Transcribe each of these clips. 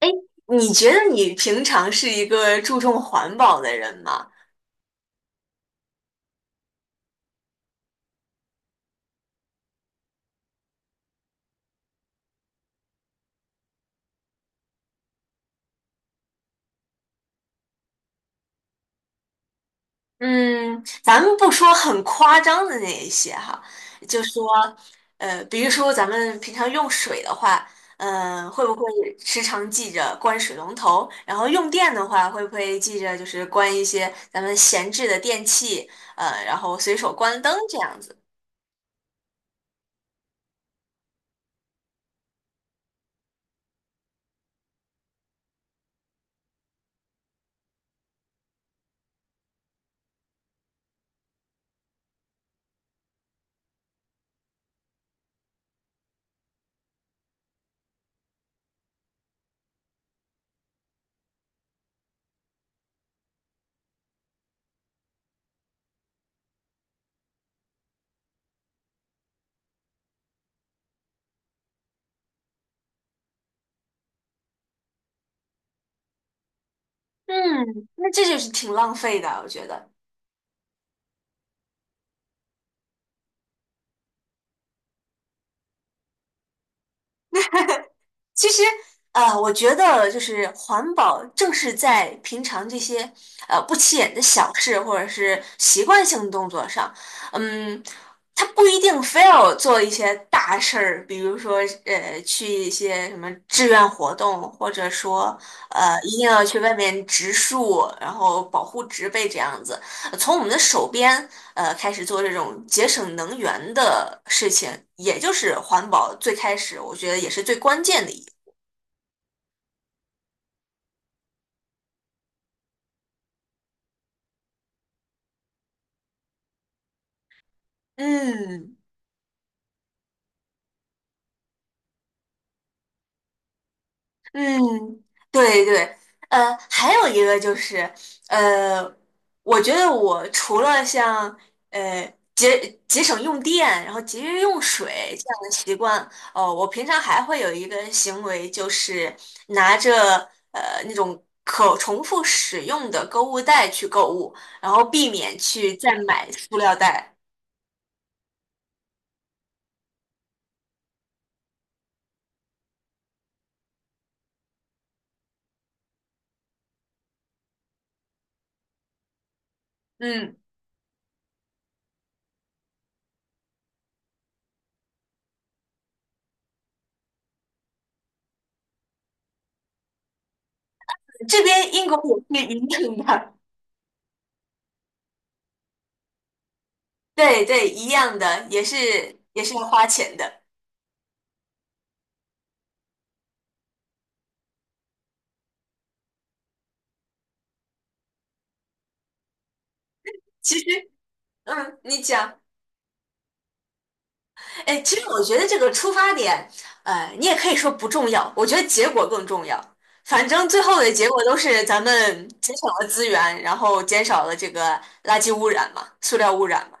哎，你觉得你平常是一个注重环保的人吗？嗯，咱们不说很夸张的那一些哈，就说，比如说咱们平常用水的话，嗯、会不会时常记着关水龙头？然后用电的话，会不会记着就是关一些咱们闲置的电器，然后随手关灯这样子？嗯，那这就是挺浪费的，我觉得。其实，我觉得就是环保，正是在平常这些不起眼的小事或者是习惯性动作上，嗯，它不一定非要做一些大事儿，比如说去一些什么志愿活动，或者说一定要去外面植树，然后保护植被这样子，从我们的手边开始做这种节省能源的事情，也就是环保最开始我觉得也是最关键的一步。嗯嗯，对对，还有一个就是，呃，我觉得我除了像呃节省用电，然后节约用水这样的习惯，哦，我平常还会有一个行为，就是拿着那种可重复使用的购物袋去购物，然后避免去再买塑料袋。嗯，这边英国也是一样的。对对，一样的，也是也是要花钱的。其实，嗯，你讲，哎，其实我觉得这个出发点，你也可以说不重要，我觉得结果更重要。反正最后的结果都是咱们节省了资源，然后减少了这个垃圾污染嘛，塑料污染嘛。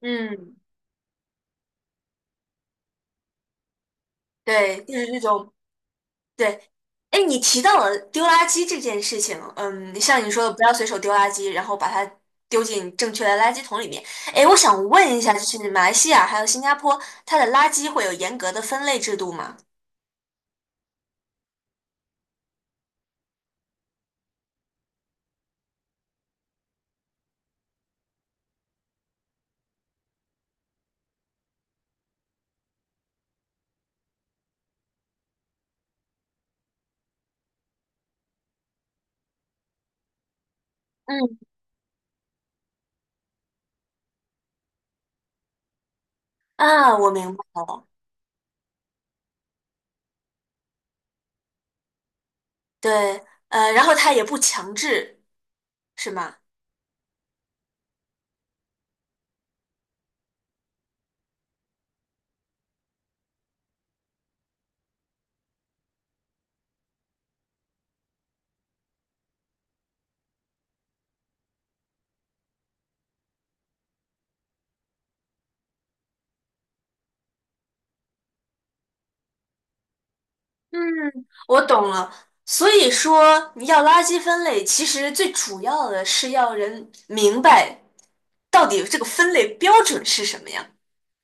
嗯，对，就是这种对，哎，你提到了丢垃圾这件事情，嗯，像你说的，不要随手丢垃圾，然后把它丢进正确的垃圾桶里面。哎，我想问一下，就是马来西亚还有新加坡，它的垃圾会有严格的分类制度吗？嗯，啊，我明白了。对，然后它也不强制，是吗？嗯，我懂了。所以说，你要垃圾分类，其实最主要的是要人明白到底这个分类标准是什么呀？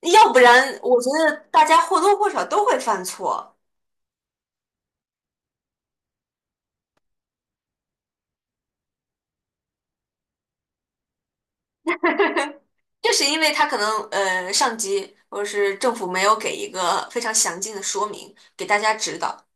要不然我觉得大家或多或少都会犯错，就是因为他可能上级或者是政府没有给一个非常详尽的说明，给大家指导，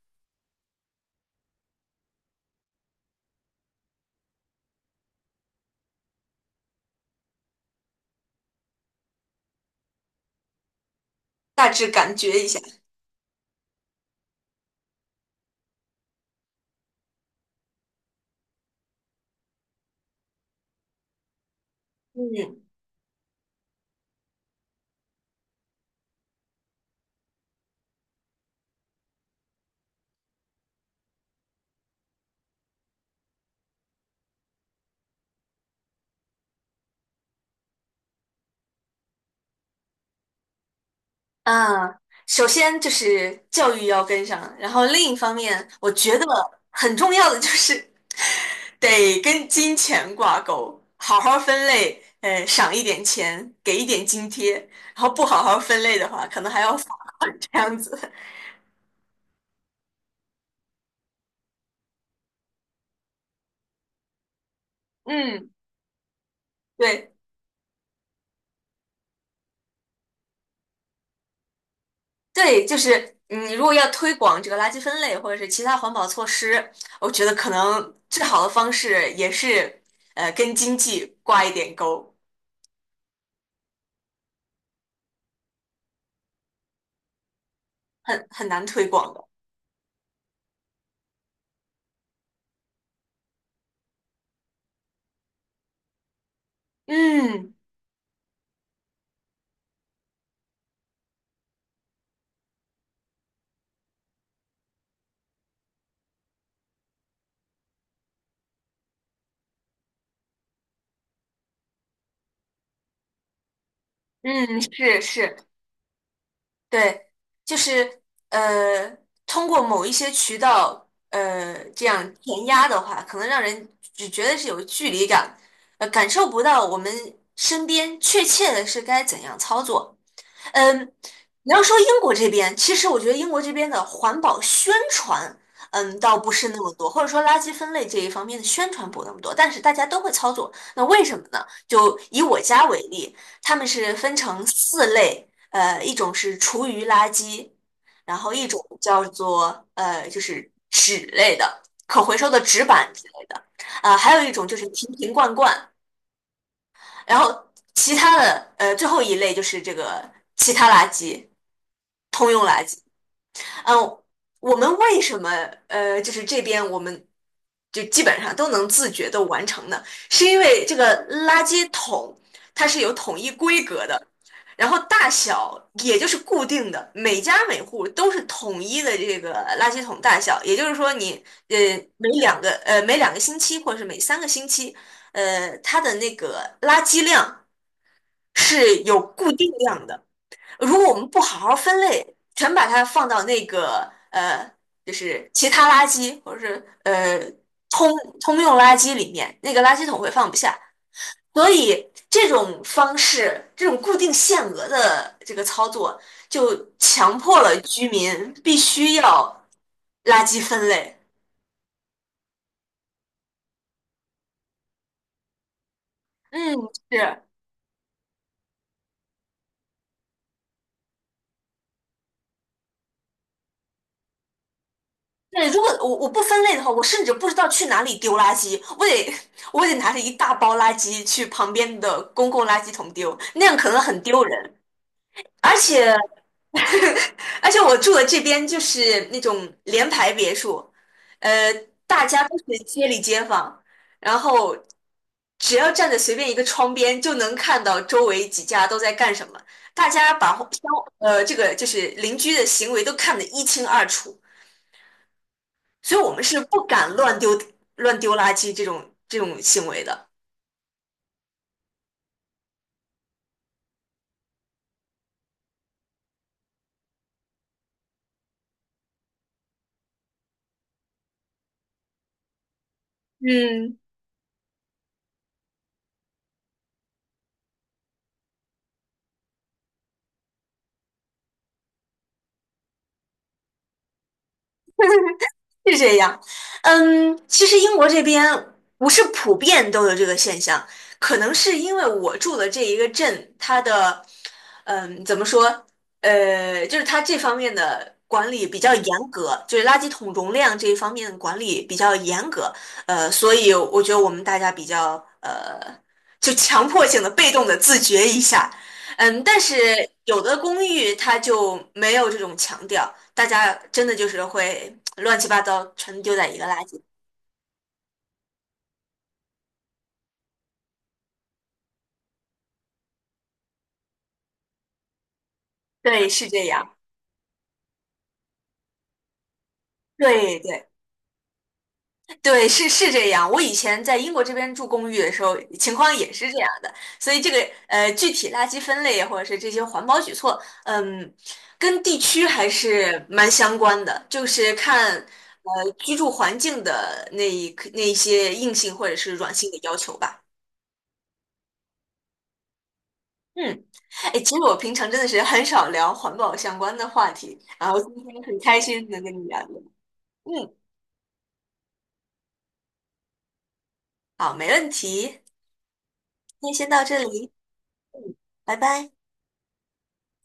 大致感觉一下。嗯啊，首先就是教育要跟上，然后另一方面，我觉得很重要的就是得跟金钱挂钩，好好分类，赏一点钱，给一点津贴，然后不好好分类的话，可能还要罚款这样子。嗯，对。对，就是嗯你如果要推广这个垃圾分类或者是其他环保措施，我觉得可能最好的方式也是跟经济挂一点钩，很难推广的。嗯嗯，是是，对，就是呃通过某一些渠道这样填压的话，可能让人只觉得是有距离感，感受不到我们身边确切的是该怎样操作。嗯，你要说英国这边，其实我觉得英国这边的环保宣传，嗯，倒不是那么多，或者说垃圾分类这一方面的宣传不那么多，但是大家都会操作。那为什么呢？就以我家为例，他们是分成四类，一种是厨余垃圾，然后一种叫做就是纸类的，可回收的纸板之类的，啊、还有一种就是瓶瓶罐罐，然后其他的最后一类就是这个其他垃圾，通用垃圾。嗯，我们为什么就是这边我们就基本上都能自觉的完成呢？是因为这个垃圾桶它是有统一规格的。然后大小也就是固定的，每家每户都是统一的这个垃圾桶大小，也就是说你呃每两个星期或者是每三个星期，它的那个垃圾量是有固定量的。如果我们不好好分类，全把它放到那个就是其他垃圾或者是通通用垃圾里面，那个垃圾桶会放不下。所以这种方式，这种固定限额的这个操作，就强迫了居民必须要垃圾分类。嗯，是。对，如果我不分类的话，我甚至不知道去哪里丢垃圾，我得拿着一大包垃圾去旁边的公共垃圾桶丢，那样可能很丢人。而且 而且我住的这边就是那种联排别墅，呃，大家都是街里街坊，然后只要站在随便一个窗边就能看到周围几家都在干什么，大家把相这个就是邻居的行为都看得一清二楚。所以我们是不敢乱丢乱丢垃圾这种行为的。嗯。是这样，嗯，其实英国这边不是普遍都有这个现象，可能是因为我住的这一个镇，它的，嗯，怎么说，就是它这方面的管理比较严格，就是垃圾桶容量这一方面的管理比较严格，所以我觉得我们大家比较，呃，就强迫性的、被动的自觉一下，嗯，但是有的公寓它就没有这种强调。大家真的就是会乱七八糟全丢在一个垃圾。对，是这样。对对对，是是这样。我以前在英国这边住公寓的时候，情况也是这样的。所以这个具体垃圾分类或者是这些环保举措，嗯，跟地区还是蛮相关的，就是看居住环境的那一些硬性或者是软性的要求吧。嗯，哎，其实我平常真的是很少聊环保相关的话题，然后今天很开心能跟你聊聊。嗯，好，没问题，今天先到这里，拜拜。